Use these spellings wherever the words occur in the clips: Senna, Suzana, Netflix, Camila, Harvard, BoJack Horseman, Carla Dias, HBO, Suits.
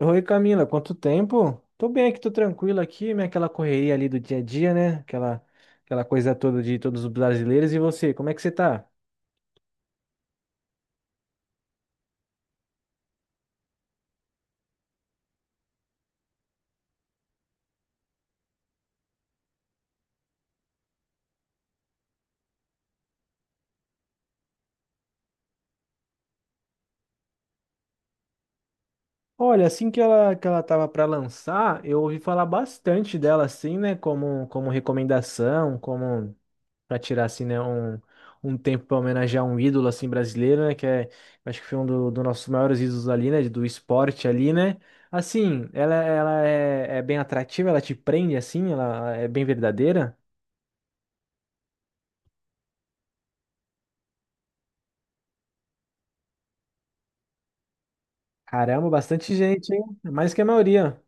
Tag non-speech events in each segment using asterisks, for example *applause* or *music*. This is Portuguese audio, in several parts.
Oi, Camila, quanto tempo? Tô bem aqui, tô tranquilo aqui, né? Aquela correria ali do dia a dia, né? Aquela coisa toda de todos os brasileiros. E você, como é que você tá? Olha, assim que ela tava para lançar, eu ouvi falar bastante dela, assim, né? Como recomendação, como. Pra tirar assim, né, um tempo pra homenagear um ídolo assim brasileiro, né, que é, eu acho que foi um dos nossos maiores ídolos ali, né, do esporte ali, né? Assim, ela é, é bem atrativa, ela te prende assim, ela é bem verdadeira. Caramba, bastante gente, hein? Mais que a maioria.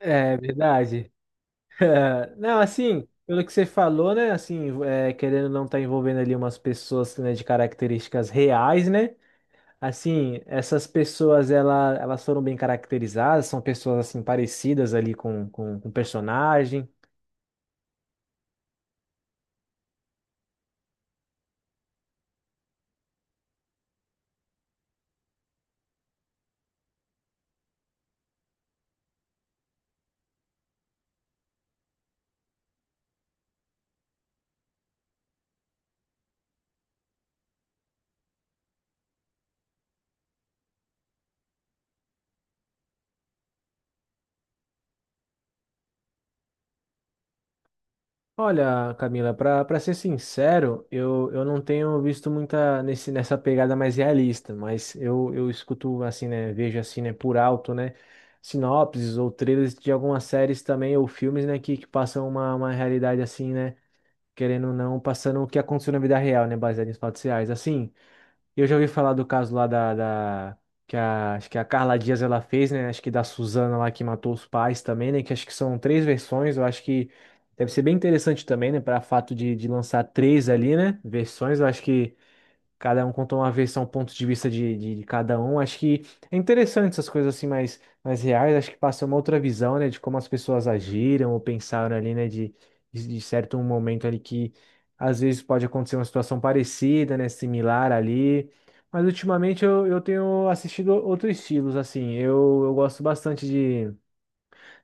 É verdade. *laughs* Não, assim, pelo que você falou, né? Assim, é, querendo não estar envolvendo ali umas pessoas, né, de características reais, né? Assim, essas pessoas ela, elas foram bem caracterizadas, são pessoas assim parecidas ali com o personagem. Olha, Camila, para ser sincero, eu não tenho visto muita nesse, nessa pegada mais realista, mas eu escuto assim, né, vejo assim, né, por alto, né, sinopses ou trailers de algumas séries também ou filmes, né, que passam uma realidade assim, né, querendo ou não, passando o que aconteceu na vida real, né, baseado em fatos reais. Assim, eu já ouvi falar do caso lá da que a, acho que a Carla Dias ela fez, né? Acho que da Suzana lá que matou os pais também, né? Que acho que são três versões. Eu acho que deve ser bem interessante também, né? Para fato de lançar três ali, né? Versões, eu acho que cada um contou uma versão, ponto de vista de cada um. Acho que é interessante essas coisas assim mais, mais reais. Acho que passa uma outra visão, né, de como as pessoas agiram ou pensaram ali, né, de, de certo momento ali que às vezes pode acontecer uma situação parecida, né, similar ali. Mas ultimamente eu tenho assistido outros estilos, assim. Eu gosto bastante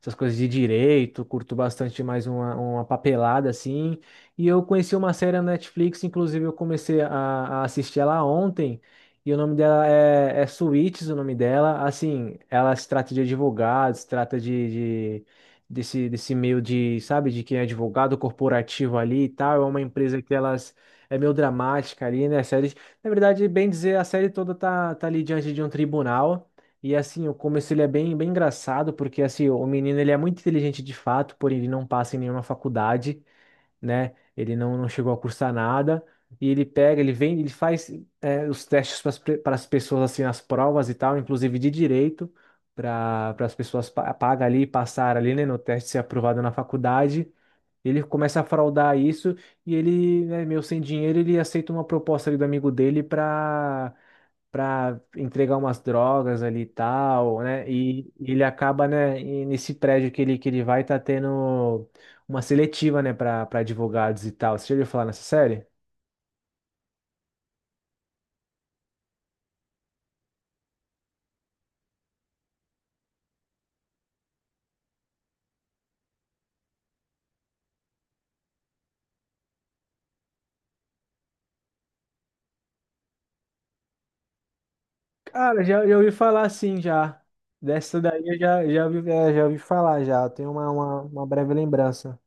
essas coisas de direito, curto bastante mais uma papelada assim. E eu conheci uma série na Netflix, inclusive eu comecei a assistir ela ontem, e o nome dela é, é Suits, o nome dela. Assim, ela se trata de advogados, se trata de- desse, desse meio de, sabe, de quem é advogado corporativo ali e tal. É uma empresa que elas. É meio dramática ali, né? A série, na verdade, bem dizer, a série toda tá, tá ali diante de um tribunal. E assim, o começo ele é bem, bem engraçado, porque assim, o menino ele é muito inteligente de fato, porém ele não passa em nenhuma faculdade, né? Ele não, não chegou a cursar nada. E ele pega, ele vem, ele faz é, os testes para as pessoas, assim, as provas e tal, inclusive de direito, para as pessoas pagar ali, passar ali, né, no teste, ser aprovado na faculdade. Ele começa a fraudar isso e ele, né, meio sem dinheiro, ele aceita uma proposta ali do amigo dele para entregar umas drogas ali e tal, né? E ele acaba, né, e nesse prédio que ele vai, tá tendo uma seletiva, né, para advogados e tal. Você já ouviu falar nessa série? Cara, já, já ouvi falar sim, já. Dessa daí eu já, já ouvi, é, já ouvi falar já. Eu tenho uma breve lembrança.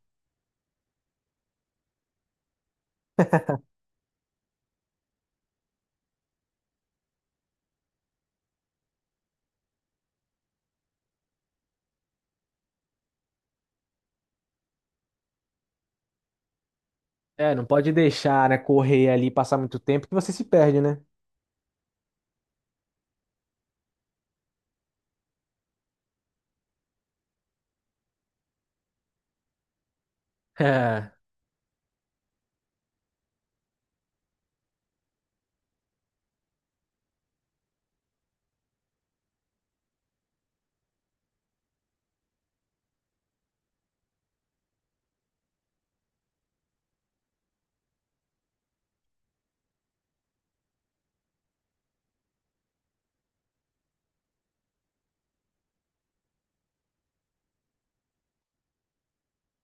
É, não pode deixar, né, correr ali, passar muito tempo que você se perde, né? *laughs*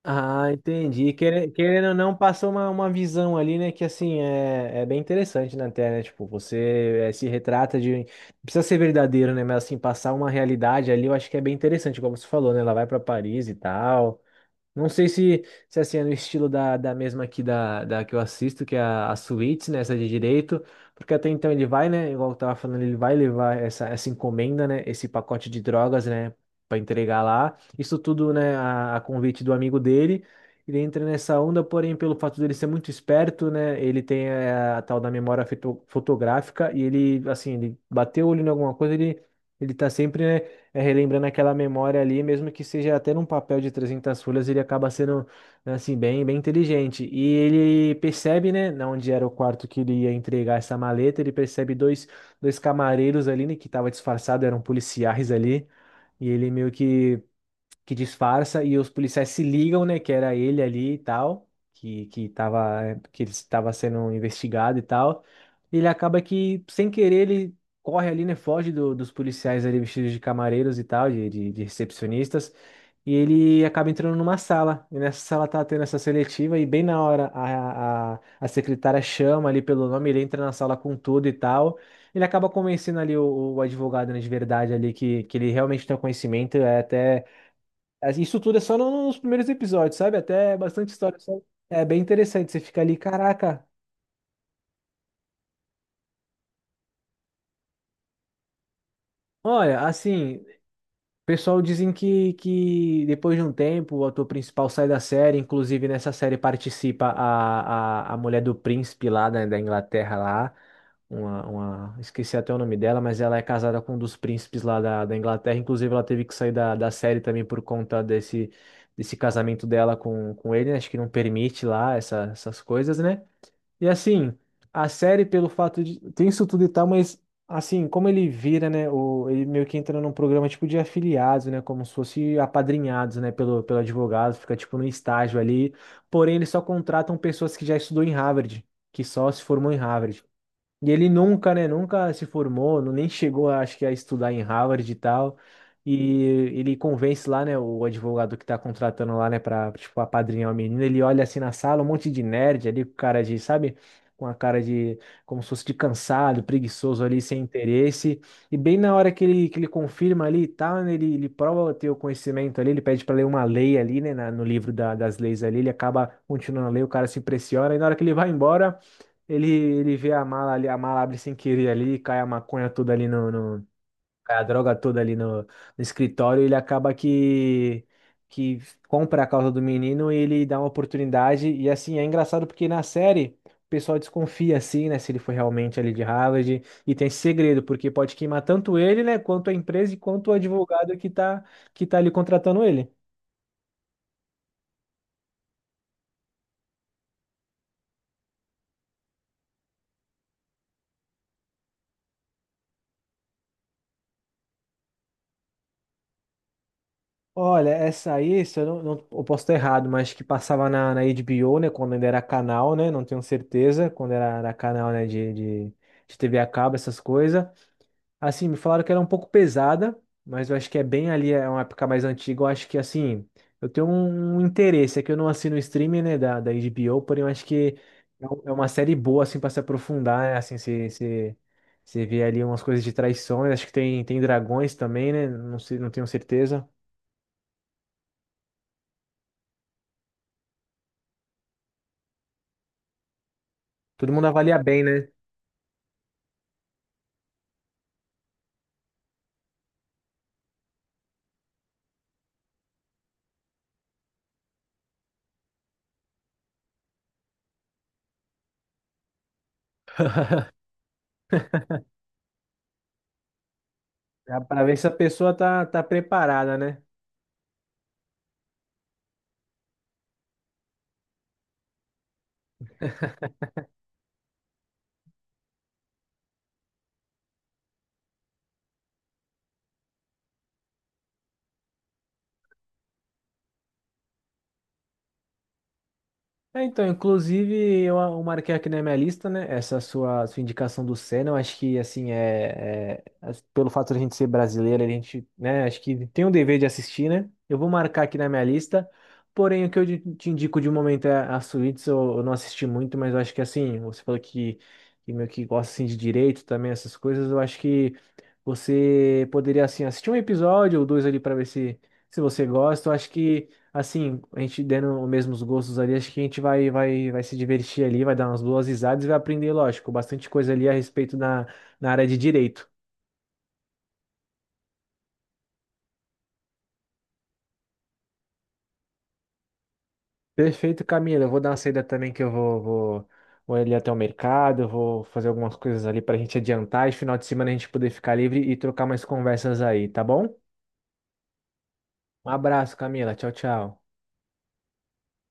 Ah, entendi. Querendo ou não, passou uma visão ali, né? Que assim é, é bem interessante na tela, né? Tipo, você se retrata de. Não precisa ser verdadeiro, né? Mas assim, passar uma realidade ali, eu acho que é bem interessante, como você falou, né? Ela vai pra Paris e tal. Não sei se, se assim, é no estilo da mesma aqui da que eu assisto, que é a Suits, né? Essa de direito. Porque até então ele vai, né? Igual eu tava falando, ele vai levar essa, essa encomenda, né? Esse pacote de drogas, né? Pra entregar lá. Isso tudo, né? A convite do amigo dele. Ele entra nessa onda, porém, pelo fato dele ser muito esperto, né? Ele tem a tal da memória fotográfica e ele, assim, ele bateu o olho em alguma coisa, ele tá sempre, né? É, relembrando aquela memória ali, mesmo que seja até num papel de 300 folhas, ele acaba sendo, né, assim, bem, bem inteligente. E ele percebe, né, na onde era o quarto que ele ia entregar essa maleta, ele percebe dois, dois camareiros ali, né, que estavam disfarçados, eram policiais ali, e ele meio que disfarça e os policiais se ligam, né, que era ele ali e tal, que tava que ele estava sendo investigado e tal. Ele acaba que sem querer ele corre ali, né, foge dos policiais ali vestidos de camareiros e tal, de recepcionistas, e ele acaba entrando numa sala. E nessa sala tá tendo essa seletiva e bem na hora a secretária chama ali pelo nome, ele entra na sala com tudo e tal. Ele acaba convencendo ali o advogado, né, de verdade ali que ele realmente tem o conhecimento, é até isso tudo é só nos primeiros episódios, sabe? Até bastante história. Sabe? É bem interessante. Você fica ali, caraca. Olha, assim, o pessoal dizem que depois de um tempo o ator principal sai da série. Inclusive, nessa série participa a mulher do príncipe lá da Inglaterra lá. Uma, esqueci até o nome dela, mas ela é casada com um dos príncipes lá da Inglaterra. Inclusive, ela teve que sair da série também por conta desse, desse casamento dela com ele, né? Acho que não permite lá essa- essas coisas, né? E assim, a série, pelo fato de. Tem isso tudo e tal, mas assim, como ele vira, né? O... Ele meio que entra num programa tipo de afiliados, né? Como se fosse apadrinhados, né? Pelo, pelo advogado, fica tipo num estágio ali. Porém, eles só contratam pessoas que já estudou em Harvard, que só se formou em Harvard. E ele nunca, né, nunca se formou, não- nem chegou, acho que, a estudar em Harvard e tal. E ele convence lá, né, o advogado que tá contratando lá, né, pra, tipo, apadrinhar o menino. Ele olha assim na sala, um monte de nerd ali, com cara de, sabe, com a cara de, como se fosse de cansado, preguiçoso ali, sem interesse. E bem na hora que ele confirma ali e tal, né, ele prova ter o conhecimento ali, ele pede pra ler uma lei ali, né, no livro das leis ali, ele acaba continuando a ler, o cara se impressiona. E na hora que ele vai embora. Ele vê a mala ali, a mala abre sem querer ali, cai a maconha toda ali no, cai a droga toda ali no, no escritório, ele acaba que compra a causa do menino e ele dá uma oportunidade. E assim, é engraçado porque na série o pessoal desconfia assim, né, se ele foi realmente ali de Harvard. E tem esse segredo, porque pode queimar tanto ele, né, quanto a empresa e quanto o advogado que tá ali contratando ele. Olha, essa aí, se eu não, não- eu posso estar errado, mas que passava na, na HBO, né? Quando ainda era canal, né? Não tenho certeza, quando era, era canal, né? De TV a cabo, essas coisas. Assim, me falaram que era um pouco pesada, mas eu acho que é bem ali, é uma época mais antiga. Eu acho que, assim, eu tenho um, um interesse, é que eu não assino o streaming, né? Da HBO, porém eu acho que é um- é uma série boa, assim, para se aprofundar, né? Assim, se... Você vê ali umas coisas de traições, acho que tem, tem dragões também, né? Não sei, não tenho certeza. Todo mundo avalia bem, né? Já pra ver se a pessoa tá, tá preparada, né? É, então, inclusive, eu marquei aqui na minha lista, né? Essa sua, sua indicação do Senna, eu acho que, assim, é, é- as- pelo fato de a gente ser brasileiro, a gente, né, acho que tem um dever de assistir, né? Eu vou marcar aqui na minha lista, porém, o que eu de- te indico de momento é a Suítes, eu não assisti muito, mas eu acho que, assim, você falou que meio que gosta, assim, de direito também, essas coisas, eu acho que você poderia, assim, assistir um episódio ou dois ali para ver se, se você gosta, eu acho que assim, a gente dando os mesmos gostos ali, acho que a gente vai, vai, vai se divertir ali, vai dar umas boas risadas e vai aprender, lógico, bastante coisa ali a respeito na, na área de direito. Perfeito, Camila. Eu vou dar uma saída também que eu vou, vou, vou ali até o mercado, vou fazer algumas coisas ali pra gente adiantar e final de semana a gente poder ficar livre e trocar mais conversas aí, tá bom? Um abraço, Camila. Tchau, tchau.